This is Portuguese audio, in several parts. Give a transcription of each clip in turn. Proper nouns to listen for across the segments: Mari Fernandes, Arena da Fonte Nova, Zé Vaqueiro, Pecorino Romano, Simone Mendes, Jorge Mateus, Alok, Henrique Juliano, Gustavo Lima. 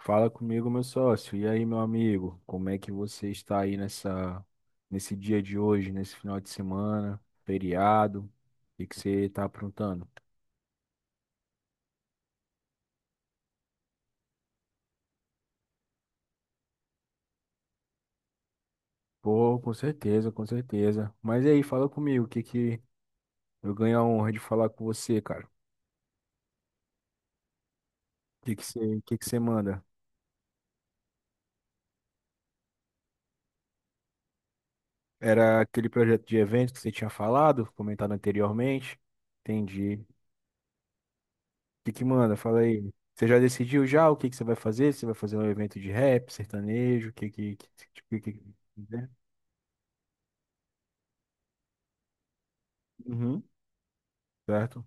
Fala comigo, meu sócio. E aí, meu amigo? Como é que você está aí nessa nesse dia de hoje, nesse final de semana, feriado? O que que você está aprontando? Pô, com certeza, com certeza. Mas e aí, fala comigo, o que que eu ganho a honra de falar com você, cara? O que que você manda? Era aquele projeto de evento que você tinha falado, comentado anteriormente? Entendi. Que manda? Fala aí. Você já decidiu já o que que você vai fazer? Você vai fazer um evento de rap, sertanejo, o que que- né? Uhum, certo?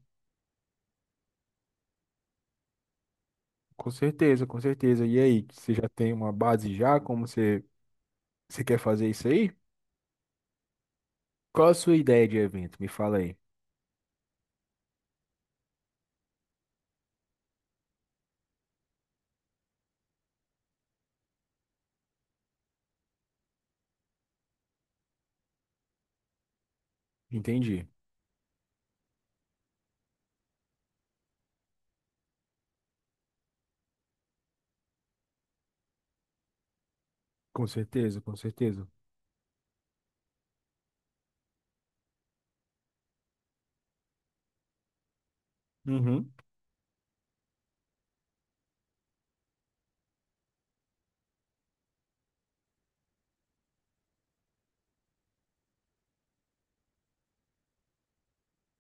Com certeza, com certeza. E aí, você já tem uma base já? Como você quer fazer isso aí? Qual a sua ideia de evento? Me fala aí. Entendi. Com certeza, com certeza. Uhum,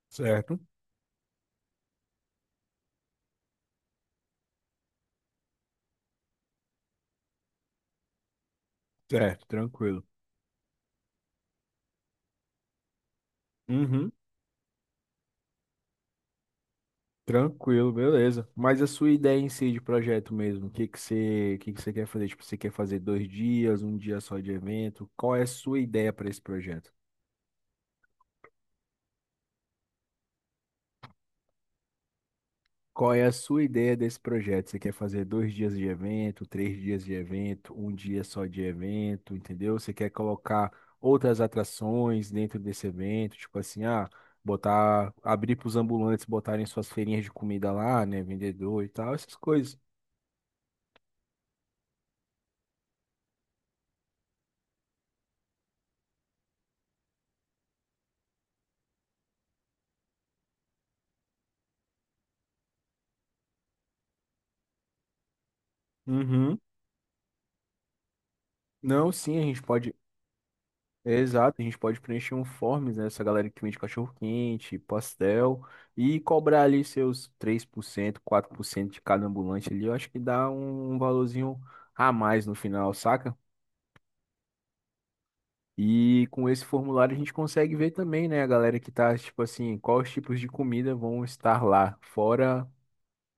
certo, certo, tranquilo. Uhum. Tranquilo, beleza. Mas a sua ideia em si de projeto mesmo, o que que você quer fazer? Tipo, você quer fazer 2 dias, um dia só de evento? Qual é a sua ideia para esse projeto? Qual é a sua ideia desse projeto? Você quer fazer dois dias de evento, 3 dias de evento, um dia só de evento, entendeu? Você quer colocar outras atrações dentro desse evento, tipo assim, ah, botar, abrir para os ambulantes botarem suas feirinhas de comida lá, né, vendedor e tal, essas coisas. Uhum. Não, sim, a gente pode. Exato, a gente pode preencher um forms, né? Essa galera que vende cachorro-quente, pastel, e cobrar ali seus 3% 4% de cada ambulante ali, eu acho que dá um valorzinho a mais no final, saca? E com esse formulário a gente consegue ver também, né, a galera que tá, tipo assim, quais tipos de comida vão estar lá, fora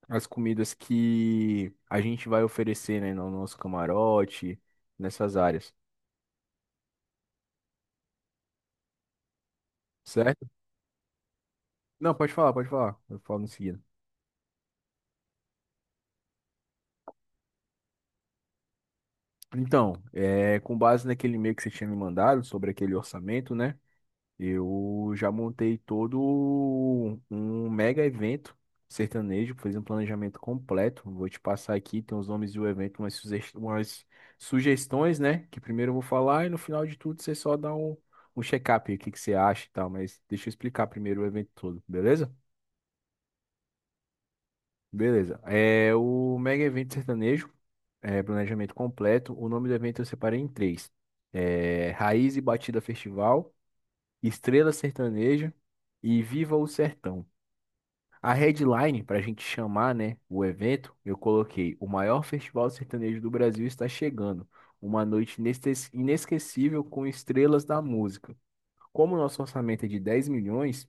as comidas que a gente vai oferecer, né, no nosso camarote, nessas áreas, certo? Não, pode falar, eu falo em seguida. Então, com base naquele e-mail que você tinha me mandado sobre aquele orçamento, né? Eu já montei todo um mega evento sertanejo, fiz um planejamento completo. Vou te passar aqui, tem os nomes do evento, umas sugestões, né? Que primeiro eu vou falar e no final de tudo você só dá um check-up, aí, o que que você acha e tal. Mas deixa eu explicar primeiro o evento todo, beleza? Beleza. É o Mega Evento Sertanejo, planejamento completo. O nome do evento eu separei em três: Raiz e Batida Festival, Estrela Sertaneja e Viva o Sertão. A headline, para a gente chamar, né, o evento, eu coloquei: o maior festival sertanejo do Brasil está chegando. Uma noite inesquecível com estrelas da música. Como o nosso orçamento é de 10 milhões.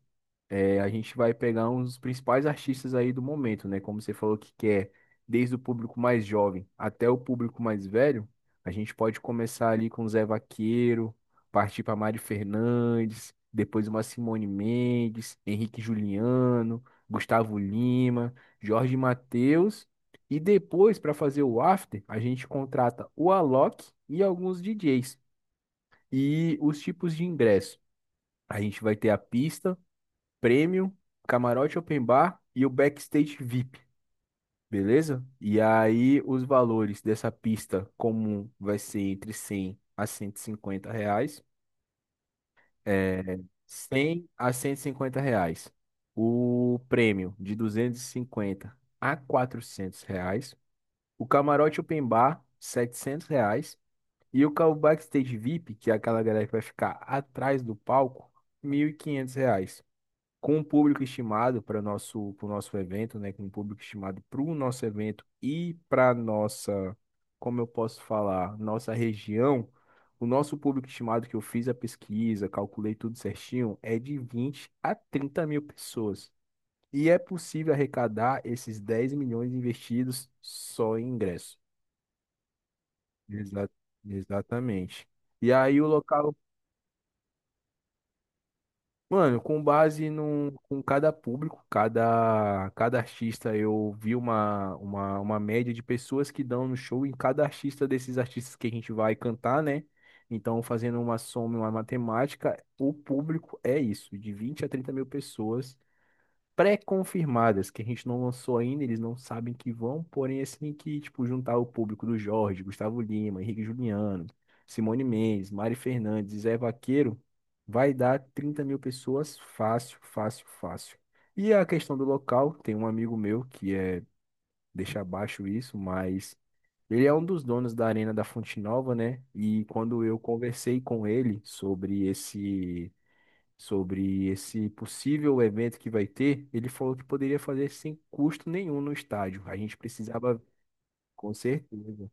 A gente vai pegar uns principais artistas aí do momento, né? Como você falou que quer, desde o público mais jovem até o público mais velho, a gente pode começar ali com Zé Vaqueiro, partir para Mari Fernandes, depois uma Simone Mendes, Henrique Juliano, Gustavo Lima, Jorge Mateus, e depois para fazer o after, a gente contrata o Alok e alguns DJs. E os tipos de ingresso. A gente vai ter a pista Premium, Camarote Open Bar e o Backstage VIP, beleza? E aí os valores dessa pista comum vai ser entre R$ 100 a R$ 150. É, R$ 100 a R$ 150. O prêmio de R$ 250 a R$ 400. O camarote open bar, R$ 700. E o backstage VIP, que é aquela galera que vai ficar atrás do palco, R$ 1.500 com um público estimado para o nosso evento, né? Com um público estimado para o nosso evento e para nossa, como eu posso falar, nossa região, o nosso público estimado que eu fiz a pesquisa, calculei tudo certinho, é de 20 a 30 mil pessoas. E é possível arrecadar esses 10 milhões investidos só em ingresso. Exa- Exatamente. E aí o local Mano, com base com cada, público, cada artista, eu vi uma média de pessoas que dão no show em cada artista desses artistas que a gente vai cantar, né? Então, fazendo uma soma, uma matemática, o público é isso, de 20 a 30 mil pessoas pré-confirmadas, que a gente não lançou ainda, eles não sabem que vão, porém, assim, que, tipo, juntar o público do Jorge, Gustavo Lima, Henrique Juliano, Simone Mendes, Mari Fernandes e Zé Vaqueiro, vai dar 30 mil pessoas fácil, fácil, fácil. E a questão do local, tem um amigo meu que é, deixa abaixo isso, mas ele é um dos donos da Arena da Fonte Nova, né? E quando eu conversei com ele sobre esse possível evento que vai ter, ele falou que poderia fazer sem custo nenhum no estádio. A gente precisava, com certeza.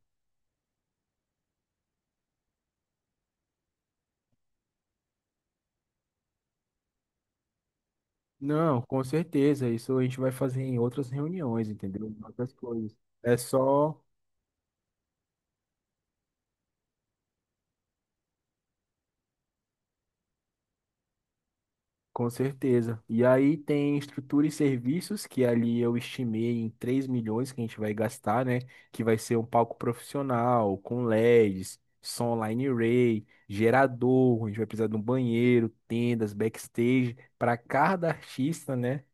Não, com certeza. Isso a gente vai fazer em outras reuniões, entendeu? Em outras coisas. É só Com certeza. E aí tem estrutura e serviços, que ali eu estimei em 3 milhões que a gente vai gastar, né? Que vai ser um palco profissional, com LEDs, som line array, gerador, a gente vai precisar de um banheiro, tendas, backstage. Para cada artista, né?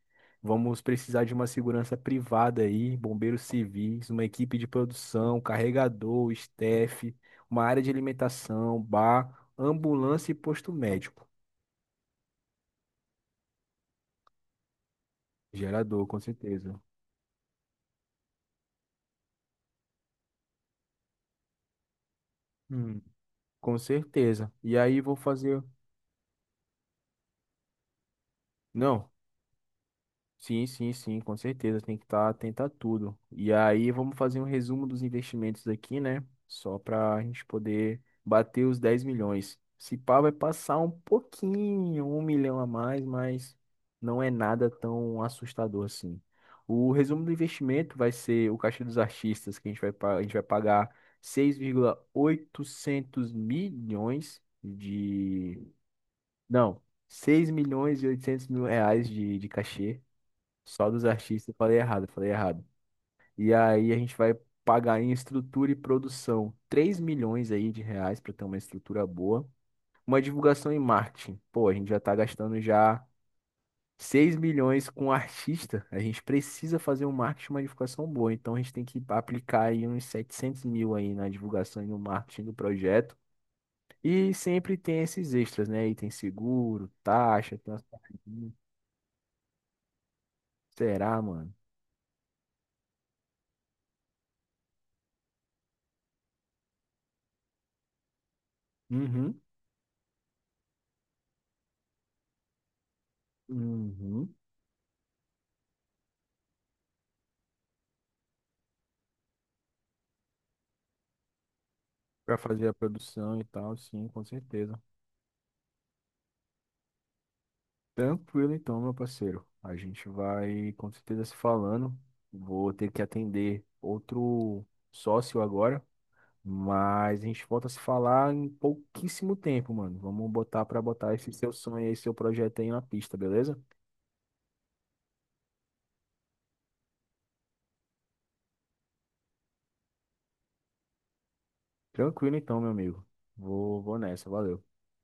Vamos precisar de uma segurança privada aí, bombeiros civis, uma equipe de produção, carregador, staff, uma área de alimentação, bar, ambulância e posto médico. Gerador, com certeza. Hum, com certeza. E aí vou fazer. Não, sim, sim, sim, com certeza. Tem que estar atento a tudo. E aí vamos fazer um resumo dos investimentos aqui, né? Só para a gente poder bater os 10 milhões. Se pá, vai passar um pouquinho, 1 milhão a mais, mas não é nada tão assustador assim. O resumo do investimento vai ser o caixa dos artistas, que a gente vai pagar 6,8 milhões. Não, 6,8 milhões de reais de cachê só dos artistas. Eu falei errado, eu falei errado. E aí a gente vai pagar em estrutura e produção 3 milhões aí de reais para ter uma estrutura boa. Uma divulgação em marketing. Pô, a gente já tá gastando já 6 milhões com artista. A gente precisa fazer um marketing, uma divulgação boa. Então a gente tem que aplicar aí uns 700 mil aí na divulgação e no marketing do projeto. E sempre tem esses extras, né? Aí tem seguro, taxa, tem umas Será, mano? Uhum. Uhum. Pra fazer a produção e tal, sim, com certeza. Tranquilo então, meu parceiro. A gente vai com certeza se falando. Vou ter que atender outro sócio agora, mas a gente volta a se falar em pouquíssimo tempo, mano. Vamos botar pra botar esse seu sonho, aí, esse seu projeto aí na pista, beleza? Tranquilo então, meu amigo. Vou nessa, valeu.